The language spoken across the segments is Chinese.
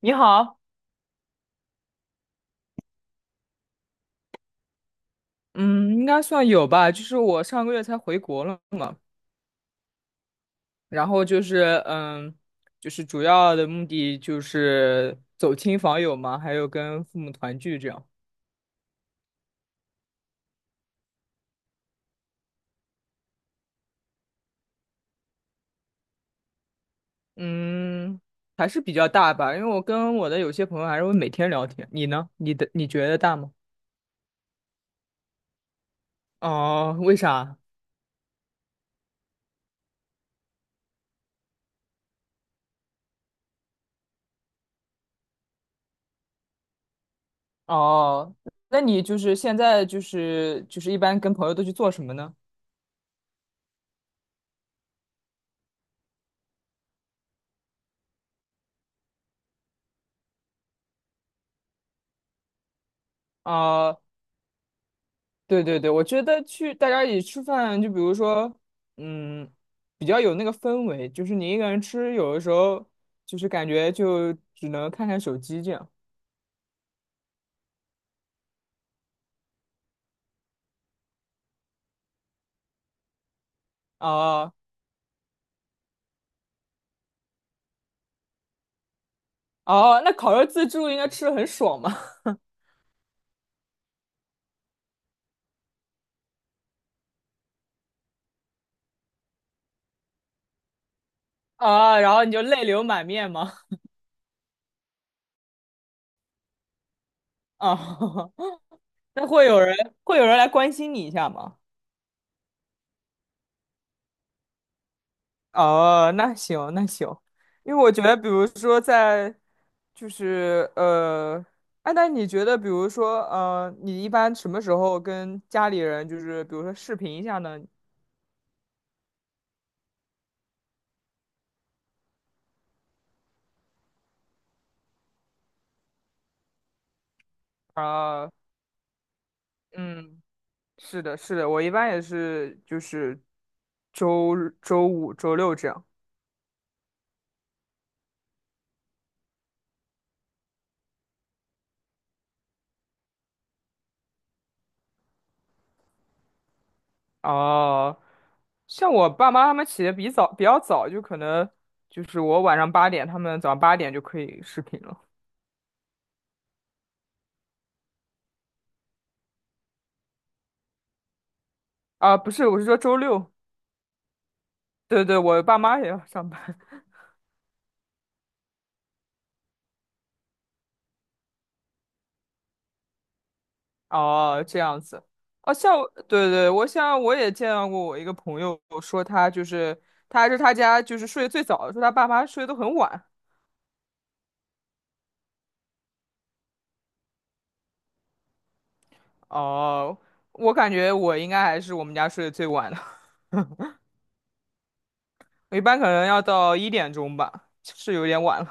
你好，嗯，应该算有吧。就是我上个月才回国了嘛，然后就是就是主要的目的就是走亲访友嘛，还有跟父母团聚这样。嗯，还是比较大吧，因为我跟我的有些朋友还是会每天聊天。你呢？你觉得大吗？哦，为啥？哦，那你就是现在就是一般跟朋友都去做什么呢？哦、对对对，我觉得去大家一起吃饭，就比如说，嗯，比较有那个氛围，就是你一个人吃，有的时候就是感觉就只能看看手机这样。哦哦，那烤肉自助应该吃的很爽嘛？啊，然后你就泪流满面吗？啊，那会有人来关心你一下吗？哦，那行那行，因为我觉得，比如说在，就是哎，那你觉得，比如说你一般什么时候跟家里人，就是比如说视频一下呢？啊、嗯，是的，是的，我一般也是，就是周日周五、周六这样。哦、像我爸妈他们起的比较早，就可能就是我晚上八点，他们早上八点就可以视频了。啊、不是，我是说周六。对对，我爸妈也要上班。哦，这样子。哦，像我对对，我也见到过我一个朋友说他家就是睡得最早的，说他爸妈睡得都很晚。哦，我感觉我应该还是我们家睡得最晚的，我一般可能要到1点钟吧，是有点晚了。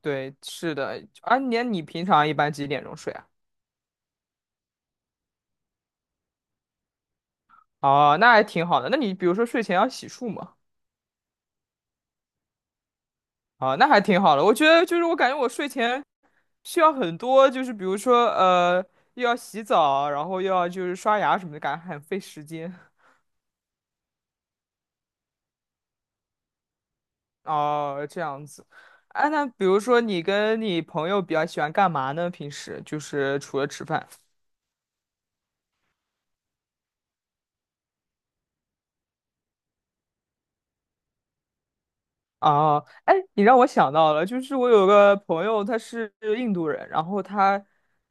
对，是的。啊，你平常一般几点钟睡啊？哦，那还挺好的。那你比如说睡前要洗漱吗？啊，那还挺好的。我觉得就是我感觉我睡前需要很多，就是比如说又要洗澡，然后又要就是刷牙什么的，感觉很费时间。哦，这样子。哎，那比如说你跟你朋友比较喜欢干嘛呢？平时就是除了吃饭。啊，哎，你让我想到了，就是我有个朋友，他是印度人，然后他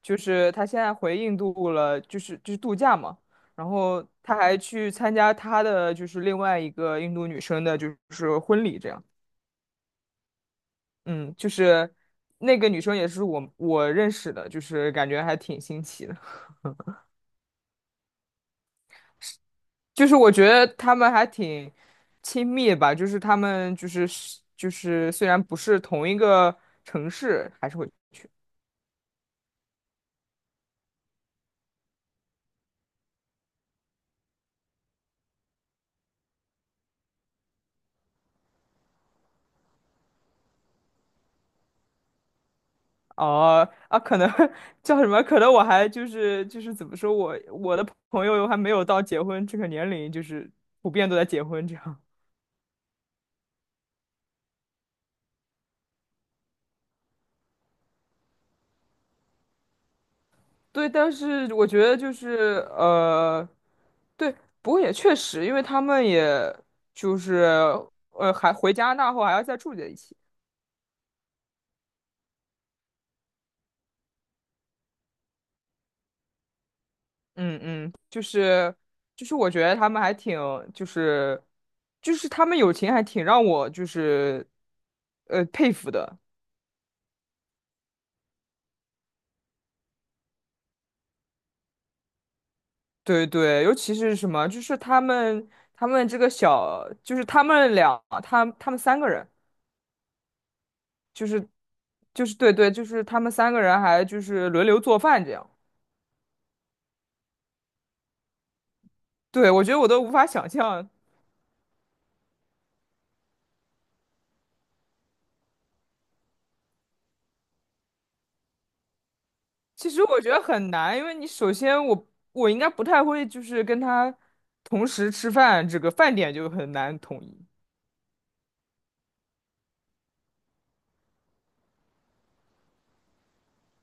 就是他现在回印度了，就是度假嘛，然后他还去参加他的就是另外一个印度女生的，就是婚礼这样，嗯，就是那个女生也是我认识的，就是感觉还挺新奇的，就是我觉得他们还挺亲密吧，就是他们就是虽然不是同一个城市，还是会。哦啊，可能 叫什么？可能我还就是怎么说我的朋友还没有到结婚这个年龄，就是普遍都在结婚这样。对，但是我觉得就是对，不过也确实，因为他们也就是还回加拿大后还要再住在一起。嗯嗯，就是我觉得他们还挺就是就是他们友情还挺让我就是佩服的。对对，尤其是什么，就是他们这个小，就是他们俩，他们三个人，就是就是对对，就是他们三个人还就是轮流做饭这样。对，我觉得我都无法想象。其实我觉得很难，因为你首先我应该不太会，就是跟他同时吃饭，这个饭点就很难统一。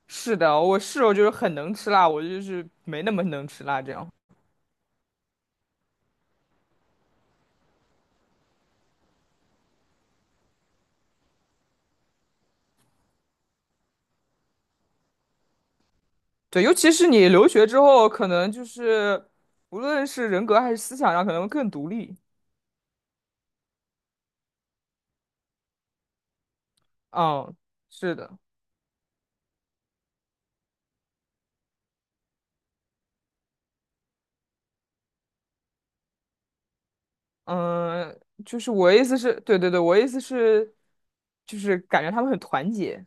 是的，我室友就是很能吃辣，我就是没那么能吃辣这样。对，尤其是你留学之后，可能就是无论是人格还是思想上，可能更独立。嗯，是的，嗯，就是我意思是，对对对，我意思是，就是感觉他们很团结，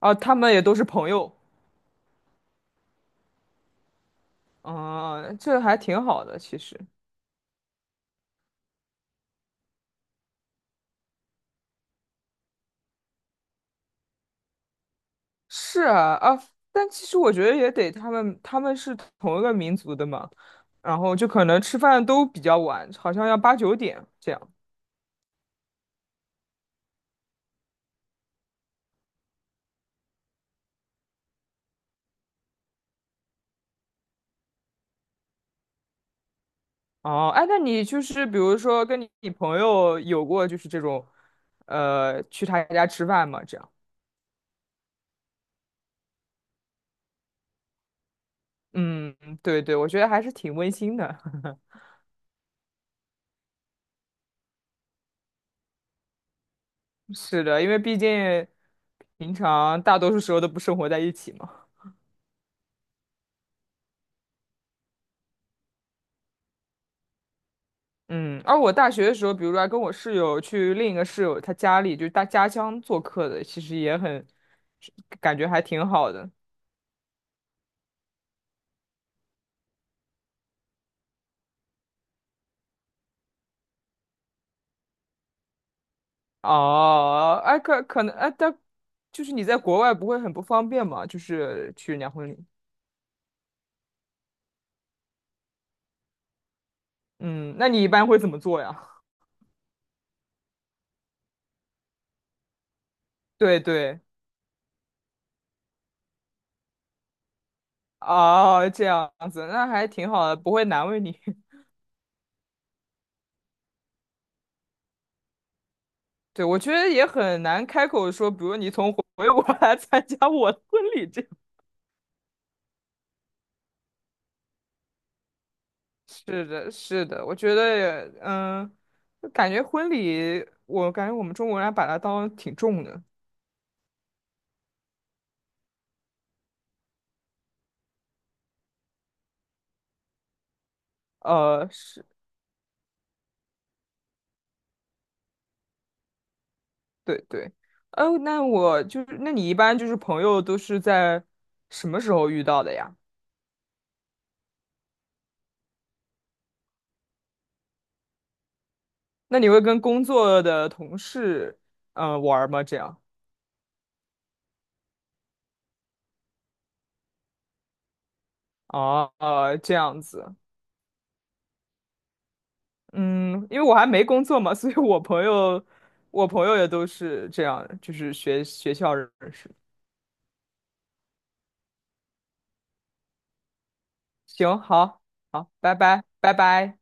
啊，他们也都是朋友，嗯，这还挺好的，其实是啊啊，但其实我觉得也得他们是同一个民族的嘛，然后就可能吃饭都比较晚，好像要8、9点这样。哦，哎，那你就是比如说跟你朋友有过就是这种，去他家吃饭吗？这样，嗯，对对，我觉得还是挺温馨的。是的，因为毕竟平常大多数时候都不生活在一起嘛。嗯，而我大学的时候，比如说还跟我室友去另一个室友他家里，就是他家乡做客的，其实也很感觉还挺好的。哦，哎，可能哎，但就是你在国外不会很不方便嘛？就是去人家婚礼。嗯，那你一般会怎么做呀？对对，哦，这样子，那还挺好的，不会难为你。对，我觉得也很难开口说，比如你回国来参加我的婚礼这样。是的，是的，我觉得也，就感觉婚礼，我感觉我们中国人还把它当挺重的。是，对对。哦，那我就是，那你一般就是朋友都是在什么时候遇到的呀？那你会跟工作的同事，玩儿吗？这样？哦，这样子，嗯，因为我还没工作嘛，所以我朋友也都是这样，就是学校认识。行，好，好，拜拜，拜拜。